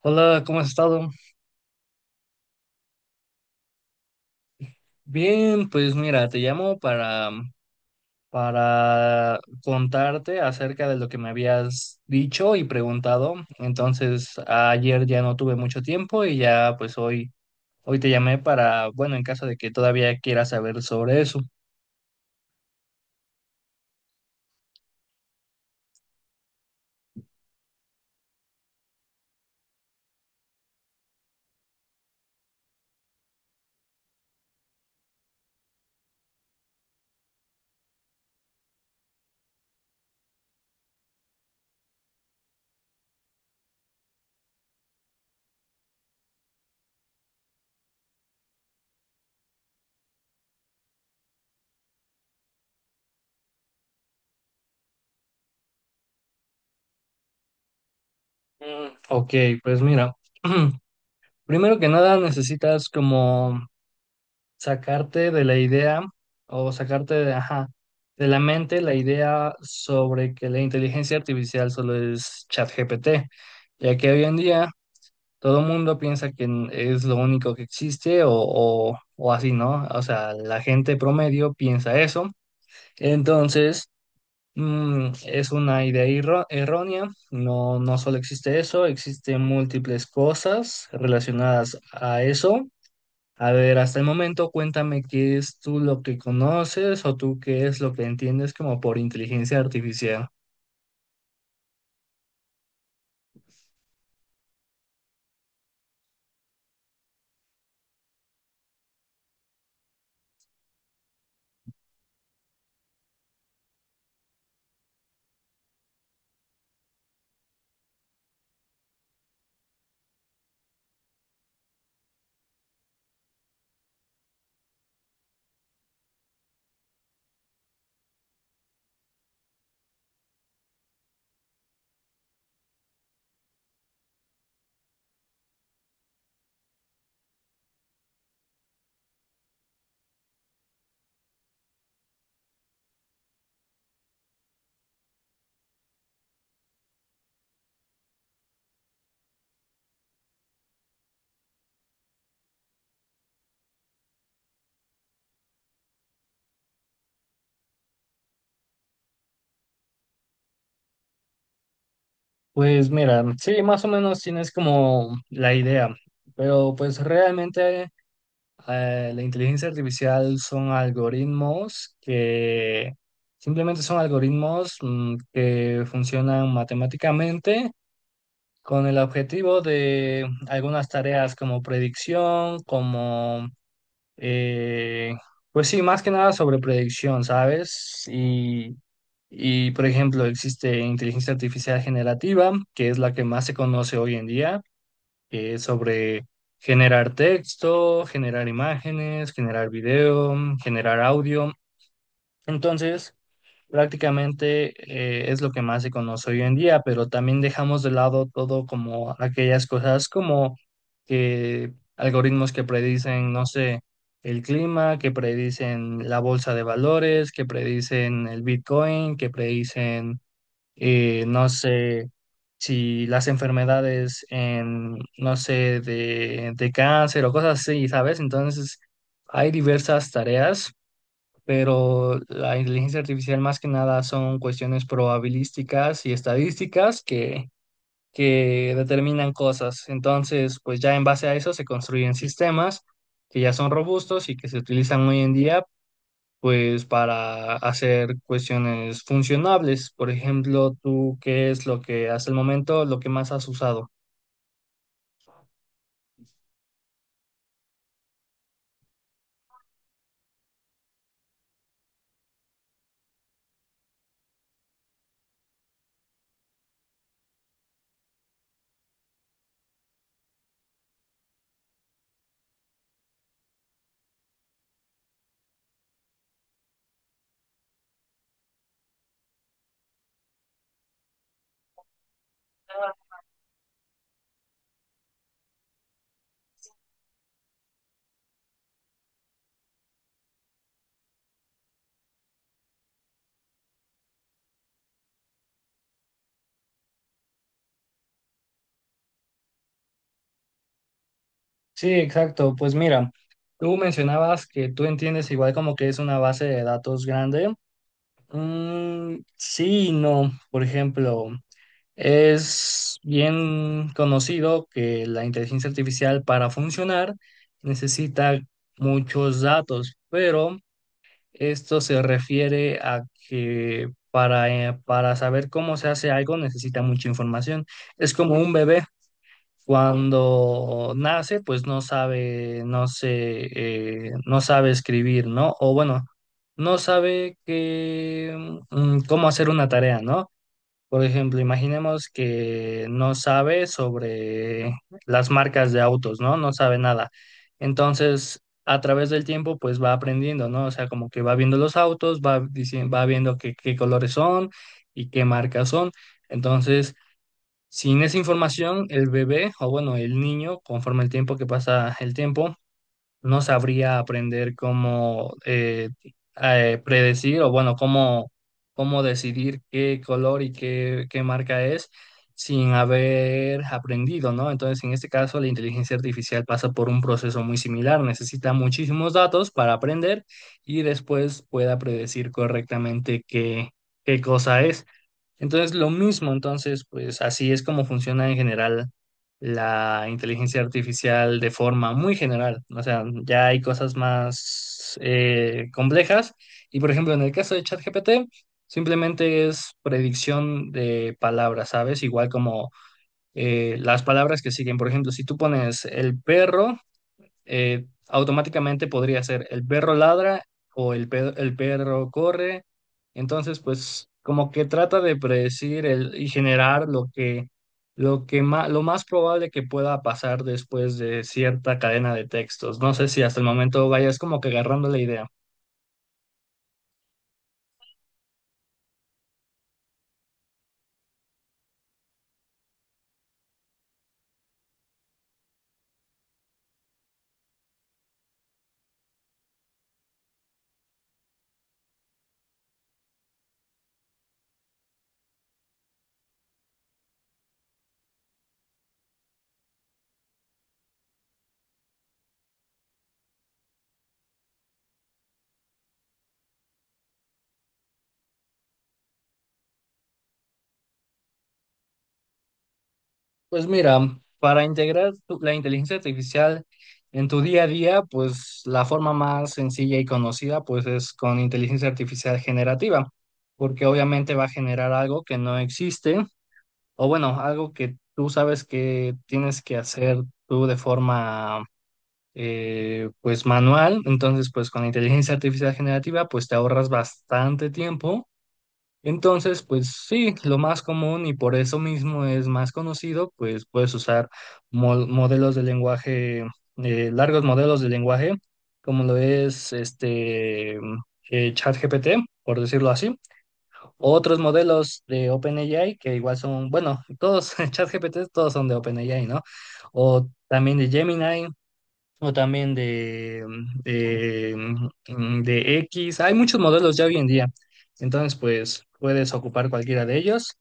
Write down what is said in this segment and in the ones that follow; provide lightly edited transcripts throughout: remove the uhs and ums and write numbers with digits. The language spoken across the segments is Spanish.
Hola, ¿cómo has estado? Bien, pues mira, te llamo para contarte acerca de lo que me habías dicho y preguntado. Entonces, ayer ya no tuve mucho tiempo y ya pues hoy te llamé para, bueno, en caso de que todavía quieras saber sobre eso. Mm, ok, pues mira, primero que nada necesitas como sacarte de la idea o sacarte de, ajá, de la mente la idea sobre que la inteligencia artificial solo es ChatGPT, ya que hoy en día todo el mundo piensa que es lo único que existe o así, ¿no? O sea, la gente promedio piensa eso. Entonces, es una errónea, no, no solo existe eso, existen múltiples cosas relacionadas a eso. A ver, hasta el momento cuéntame qué es tú lo que conoces o tú qué es lo que entiendes como por inteligencia artificial. Pues mira, sí, más o menos tienes como la idea, pero pues realmente la inteligencia artificial son algoritmos que simplemente son algoritmos que funcionan matemáticamente con el objetivo de algunas tareas como predicción, como Eh, pues sí, más que nada sobre predicción, ¿sabes? Por ejemplo, existe inteligencia artificial generativa, que es la que más se conoce hoy en día, que es sobre generar texto, generar imágenes, generar video, generar audio. Entonces, prácticamente es lo que más se conoce hoy en día, pero también dejamos de lado todo como aquellas cosas como que algoritmos que predicen, no sé, el clima, que predicen la bolsa de valores, que predicen el Bitcoin, que predicen, no sé, si las enfermedades en, no sé, de cáncer o cosas así, ¿sabes? Entonces, hay diversas tareas, pero la inteligencia artificial más que nada son cuestiones probabilísticas y estadísticas que determinan cosas. Entonces, pues ya en base a eso se construyen sistemas que ya son robustos y que se utilizan hoy en día, pues para hacer cuestiones funcionables. Por ejemplo, tú, ¿qué es lo que hasta el momento lo que más has usado? Sí, exacto. Pues mira. Tú mencionabas que tú entiendes igual como que es una base de datos grande. Mm, sí, y no. Por ejemplo, es bien conocido que la inteligencia artificial para funcionar necesita muchos datos, pero esto se refiere a que para saber cómo se hace algo necesita mucha información. Es como un bebé cuando nace, pues no sabe, no sé, no sabe escribir, ¿no? O bueno, no sabe que, cómo hacer una tarea, ¿no? Por ejemplo, imaginemos que no sabe sobre las marcas de autos, ¿no? No sabe nada. Entonces, a través del tiempo, pues va aprendiendo, ¿no? O sea, como que va viendo los autos, va diciendo, va viendo qué colores son y qué marcas son. Entonces, sin esa información, el bebé, o bueno, el niño, conforme el tiempo que pasa el tiempo, no sabría aprender cómo predecir o bueno, cómo, cómo decidir qué color y qué marca es sin haber aprendido, ¿no? Entonces, en este caso, la inteligencia artificial pasa por un proceso muy similar, necesita muchísimos datos para aprender y después pueda predecir correctamente qué, qué cosa es. Entonces, lo mismo, entonces, pues así es como funciona en general la inteligencia artificial de forma muy general. O sea, ya hay cosas más complejas. Y por ejemplo, en el caso de ChatGPT, simplemente es predicción de palabras, ¿sabes? Igual como las palabras que siguen. Por ejemplo, si tú pones el perro automáticamente podría ser el perro ladra o el perro corre. Entonces, pues como que trata de predecir el, y generar lo que, lo que lo más probable que pueda pasar después de cierta cadena de textos. No sé si hasta el momento vayas como que agarrando la idea. Pues mira, para integrar la inteligencia artificial en tu día a día, pues la forma más sencilla y conocida, pues es con inteligencia artificial generativa, porque obviamente va a generar algo que no existe, o bueno, algo que tú sabes que tienes que hacer tú de forma, pues manual. Entonces, pues con inteligencia artificial generativa, pues te ahorras bastante tiempo. Entonces, pues sí, lo más común y por eso mismo es más conocido, pues puedes usar modelos de lenguaje, largos modelos de lenguaje, como lo es este ChatGPT, por decirlo así, otros modelos de OpenAI que igual son, bueno, todos ChatGPT, todos son de OpenAI, ¿no? O también de Gemini, o también de, de X. Hay muchos modelos ya hoy en día. Entonces, pues puedes ocupar cualquiera de ellos.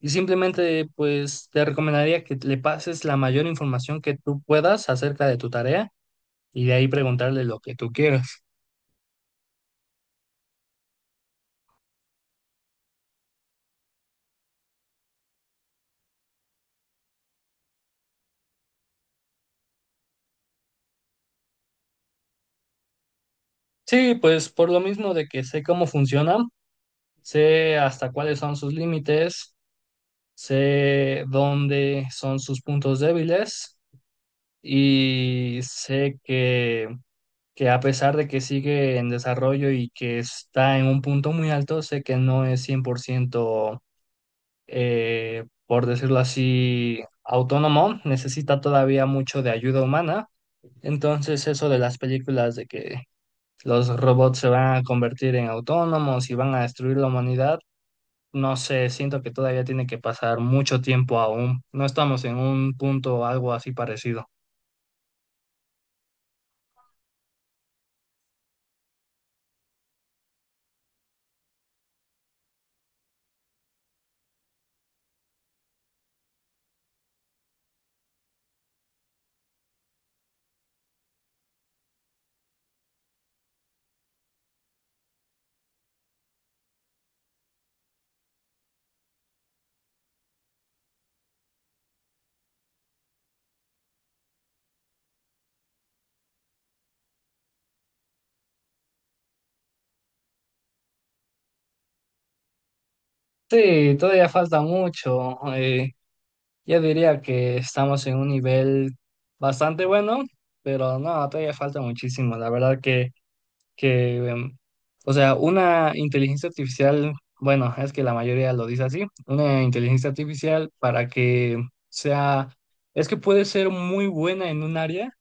Y simplemente, pues te recomendaría que le pases la mayor información que tú puedas acerca de tu tarea y de ahí preguntarle lo que tú quieras. Sí, pues por lo mismo de que sé cómo funcionan, sé hasta cuáles son sus límites, sé dónde son sus puntos débiles y sé que a pesar de que sigue en desarrollo y que está en un punto muy alto, sé que no es 100%, por decirlo así, autónomo, necesita todavía mucho de ayuda humana. Entonces, eso de las películas de que los robots se van a convertir en autónomos y van a destruir la humanidad, no sé, siento que todavía tiene que pasar mucho tiempo aún. No estamos en un punto algo así parecido. Sí, todavía falta mucho. Yo diría que estamos en un nivel bastante bueno, pero no, todavía falta muchísimo. La verdad que o sea, una inteligencia artificial, bueno, es que la mayoría lo dice así, una inteligencia artificial para que sea, es que puede ser muy buena en un área,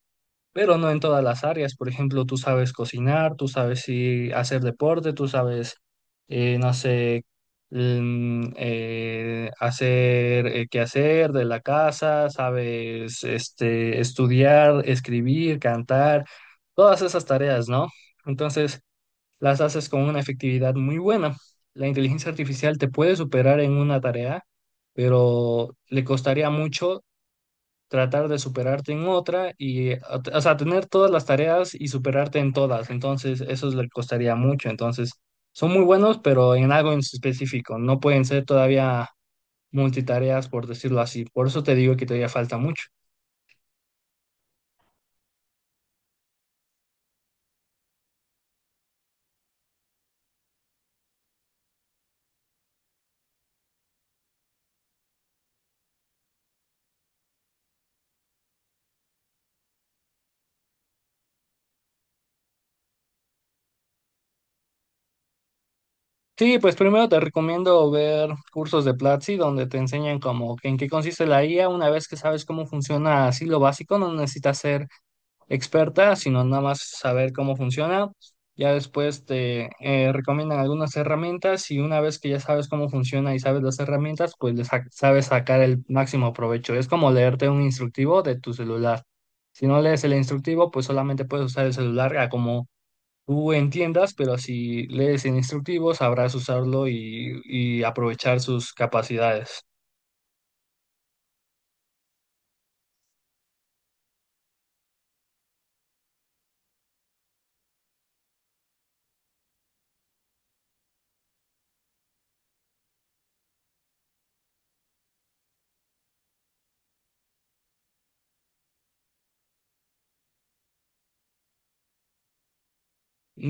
pero no en todas las áreas. Por ejemplo, tú sabes cocinar, tú sabes sí, hacer deporte, tú sabes, no sé, hacer qué hacer de la casa, sabes este, estudiar, escribir, cantar, todas esas tareas, ¿no? Entonces, las haces con una efectividad muy buena. La inteligencia artificial te puede superar en una tarea, pero le costaría mucho tratar de superarte en otra y, o sea, tener todas las tareas y superarte en todas. Entonces, eso le costaría mucho. Entonces, son muy buenos, pero en algo en específico. No pueden ser todavía multitareas, por decirlo así. Por eso te digo que todavía falta mucho. Sí, pues primero te recomiendo ver cursos de Platzi donde te enseñan como que en qué consiste la IA. Una vez que sabes cómo funciona así lo básico, no necesitas ser experta, sino nada más saber cómo funciona. Ya después te recomiendan algunas herramientas y una vez que ya sabes cómo funciona y sabes las herramientas, pues le sabes sacar el máximo provecho. Es como leerte un instructivo de tu celular. Si no lees el instructivo, pues solamente puedes usar el celular a como tú entiendas, pero si lees el instructivo, sabrás usarlo y aprovechar sus capacidades.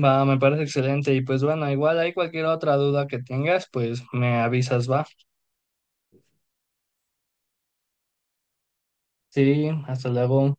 Va, me parece excelente. Y pues bueno, igual hay cualquier otra duda que tengas, pues me avisas, va. Sí, hasta luego.